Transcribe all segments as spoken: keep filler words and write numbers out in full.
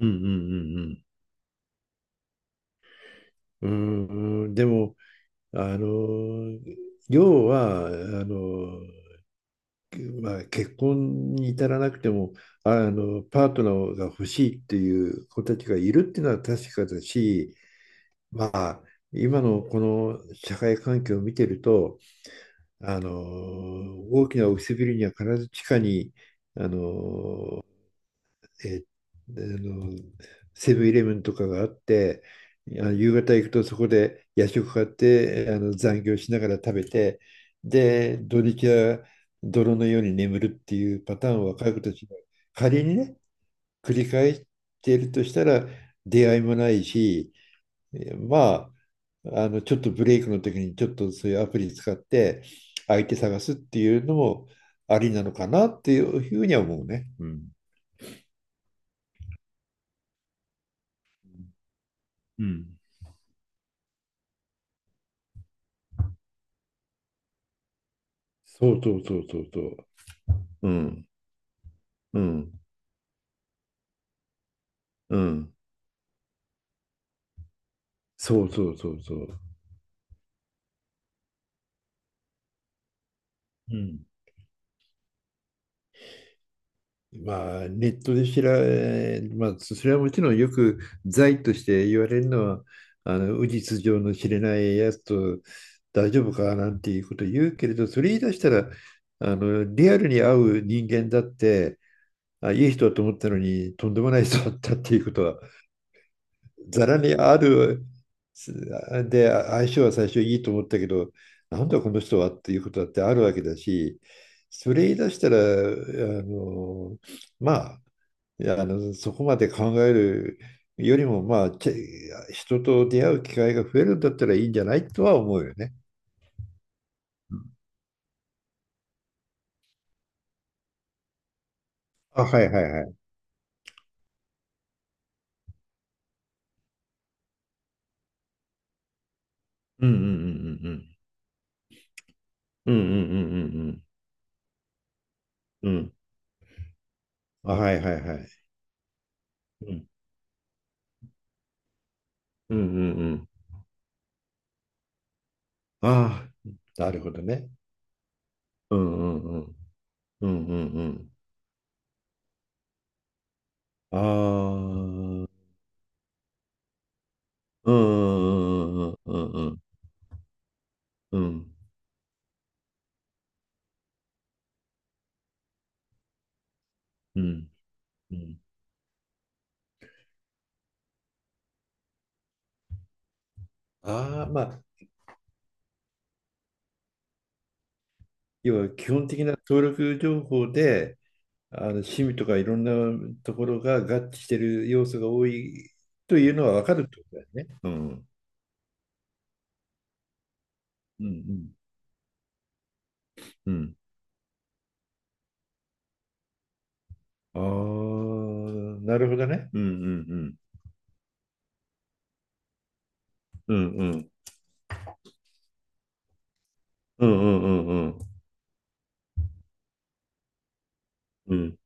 うんうんうんうん。うーん、でも、あの、要は、あの、まあ、結婚に至らなくても、あの、パートナーが欲しいっていう子たちがいるっていうのは確かだし、まあ、今のこの社会環境を見てると、あの、大きなオフィスビルには必ず地下に、あの、えーあのセブンイレブンとかがあって、あの夕方行くとそこで夜食買って、あの残業しながら食べて、で土日は泥のように眠るっていうパターンを若い子たちが仮にね繰り返しているとしたら、出会いもないし、えーまあ、あのちょっとブレイクの時にちょっとそういうアプリ使って相手探すっていうのもありなのかなっていうふうには思うね。うんうん。そうそうそうそうそう。うん、うん、うん、そうそうそうそう。うん。まあ、ネットで知ら、えーまあ、それはもちろんよく罪として言われるのは、あの、無実上の知れないやつと大丈夫かなんていうこと言うけれど、それ言い出したら、あの、リアルに会う人間だって、あ、いい人だと思ったのに、とんでもない人だったっていうことはざらにある。で、相性は最初いいと思ったけど、なんだこの人はっていうことだってあるわけだし、それ言い出したらあのまあ、いや、あのそこまで考えるよりも、まあ、ち人と出会う機会が増えるんだったらいいんじゃないとは思うよね。あ、はいはいはい。うんうんうんうんうんうんうんうんうんうんうん。あ、はいはいはい。うんうんうんうん。ああ、なるほどね。うんうんうんうんうんうん。ああ、うんうんうんうんうんうんうん。ああ、まあ、要は基本的な登録情報で、あの趣味とかいろんなところが合致してる要素が多いというのは分かるってことだよね。うん。うんうん。うん。ああ、なるほどね。うんうんうん。うんうん。うんうんうんうん。うん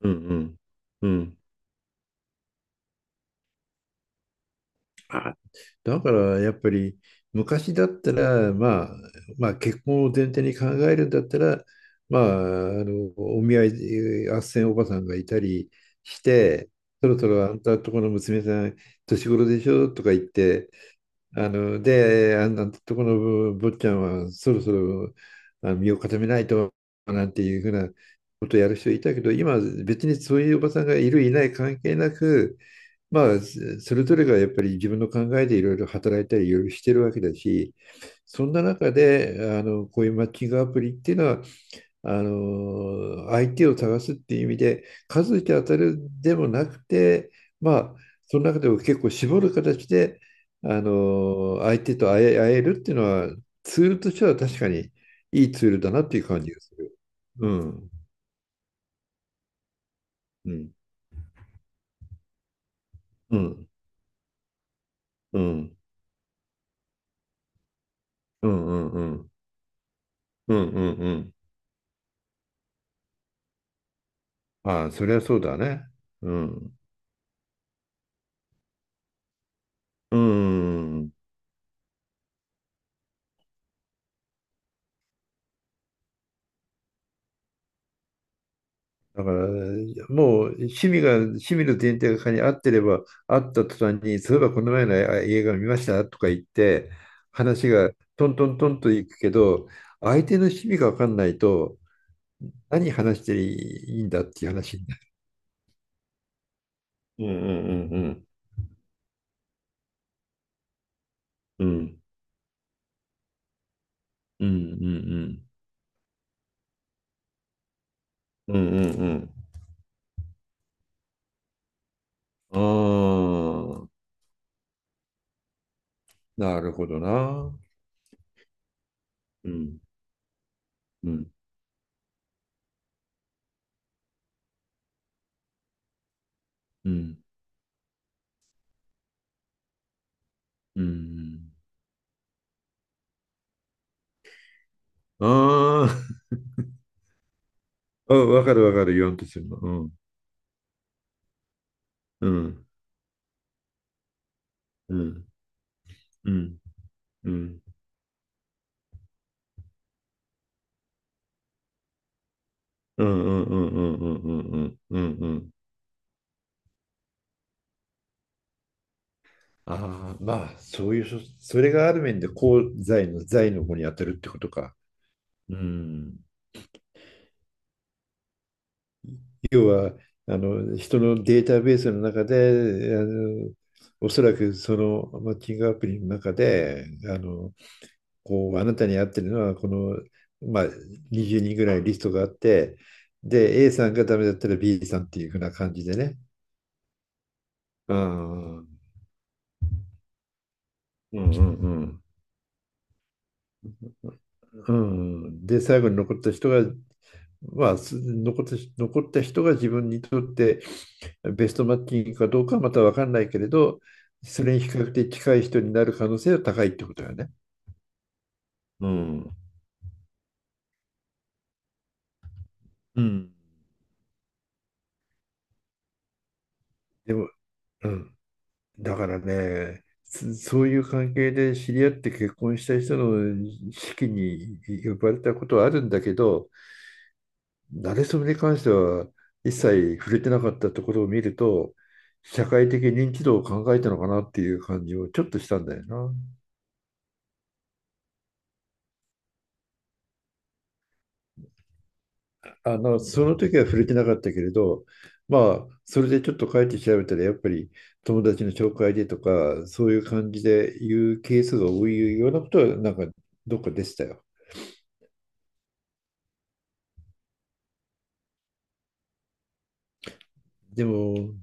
うんうん。うん。あ、だからやっぱり昔だったら、まあ、まあ結婚を前提に考えるんだったら、まあ、あのお見合い斡旋おばさんがいたりして、そろそろあんたとこの娘さん年頃でしょとか言って、あので、あのとこの坊ちゃんはそろそろあの身を固めないとなんていうふうなことをやる人いたけど、今別にそういうおばさんがいるいない関係なく、まあ、それぞれがやっぱり自分の考えでいろいろ働いたりいろいろしてるわけだし、そんな中であのこういうマッチングアプリっていうのはあの相手を探すっていう意味で数えて当たるでもなくて、まあ、その中でも結構絞る形であの相手と会え、会えるっていうのはツールとしては確かにいいツールだなっていう感じがする。うんうんうんうんうんうんうんうんうんうん。ああ、それはそうだね。うんうん。だから、もう趣味が、趣味の前提がに合ってれば、合った途端に、そういえばこの前のあ映画見ましたとか言って、話がトントントンといくけど、相手の趣味が分かんないと、何話していいんだっていう話になる。うんうんうんうん。うんうんうんうんうんうん。ああ、なるほどな。うんうんうんうん。あ あ、うん、わかるわかる、言わんとするの。うんうんうん。うん。うん。うんうんうんうんうんうんうんうん。ああ、まあ、そういうそ、それがある面で功罪の罪の方に当たるってことか。うん。要は、あの、人のデータベースの中で、あの、おそらくそのマッチングアプリの中で、あの、こう、あなたに合ってるのは、この、まあ、にじゅうにんぐらいリストがあって、で、A さんがダメだったら B さんっていうふうな感じでね。うんうんうんうん。うん、で最後に残った人が、まあ、す残ったし、残った人が自分にとってベストマッチングかどうかはまた分かんないけれど、それに比較的近い人になる可能性は高いってことだよね。うん、うん。でも、うん、だからね、そそういう関係で知り合って結婚した人の式に呼ばれたことはあるんだけど、慣れそめに関しては一切触れてなかったところを見ると、社会的認知度を考えたのかなっていう感じをちょっとしたんだよな。あの、その時は触れてなかったけれど、まあ、それでちょっと帰って調べたら、やっぱり友達の紹介でとか、そういう感じで言うケースが多いようなことは、なんかどっかでしたよ。でも、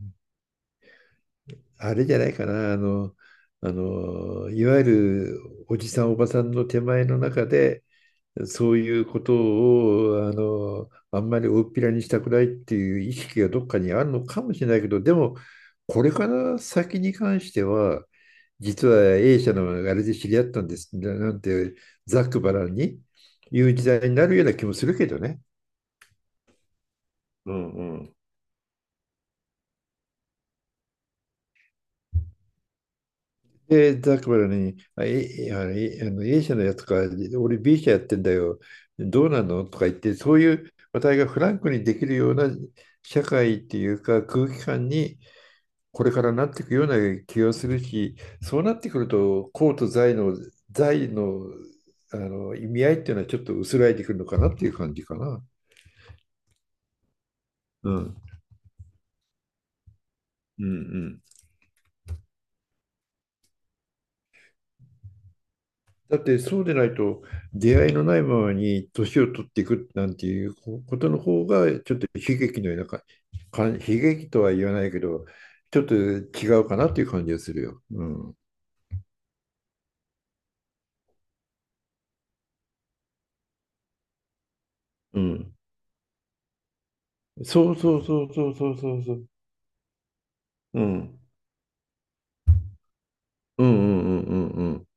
あれじゃないかな、あの、あの、いわゆるおじさん、おばさんの手前の中で、そういうことをあのあんまり大っぴらにしたくないっていう意識がどっかにあるのかもしれないけど、でも、これから先に関しては、実は A 社のあれで知り合ったんですななんてざっくばらんに言う時代になるような気もするけどね。うんうん。で、ザックバラに、あ、A、あの A あの A 社のやつか、俺 B 社やってんだよ、どうなのとか言って、そういう話題がフランクにできるような社会っていうか空気感にこれからなっていくような気がするし、そうなってくると、公と財の、財の、あの意味合いっていうのはちょっと薄らいでくるのかなっていう感じかな。うん。うんうん。だってそうでないと、出会いのないままに年を取っていくなんていうことの方がちょっと悲劇のようなかか悲劇とは言わないけど、ちょっと違うかなっていう感じがするよ。うん。うん。そうそうそうそうそうそうそう。うん。うんうんうんうんうん。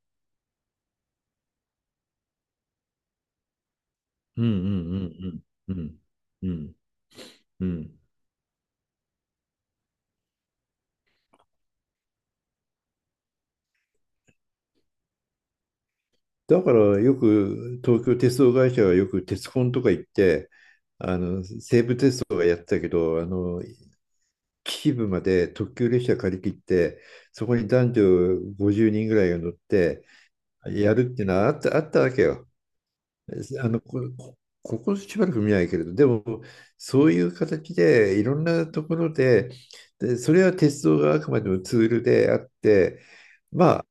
うんうんうんうんうんうんうん。だからよく東京鉄道会社はよく鉄コンとか行って、あの西武鉄道がやってたけど、あの秩父まで特急列車借り切って、そこに男女ごじゅうにんぐらいが乗ってやるっていうのはあった、あったわけよ。あのこ、こここしばらく見ないけれど、でも、そういう形でいろんなところで、でそれは鉄道があくまでもツールであって、ま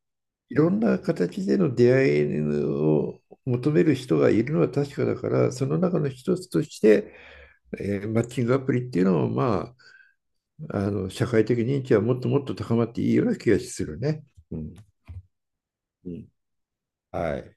いろんな形での出会いを求める人がいるのは確かだから、その中の一つとして、えーマッチングアプリっていうのも、まあ、あの社会的認知はもっともっと高まっていいような気がするね。うん、うん、はい。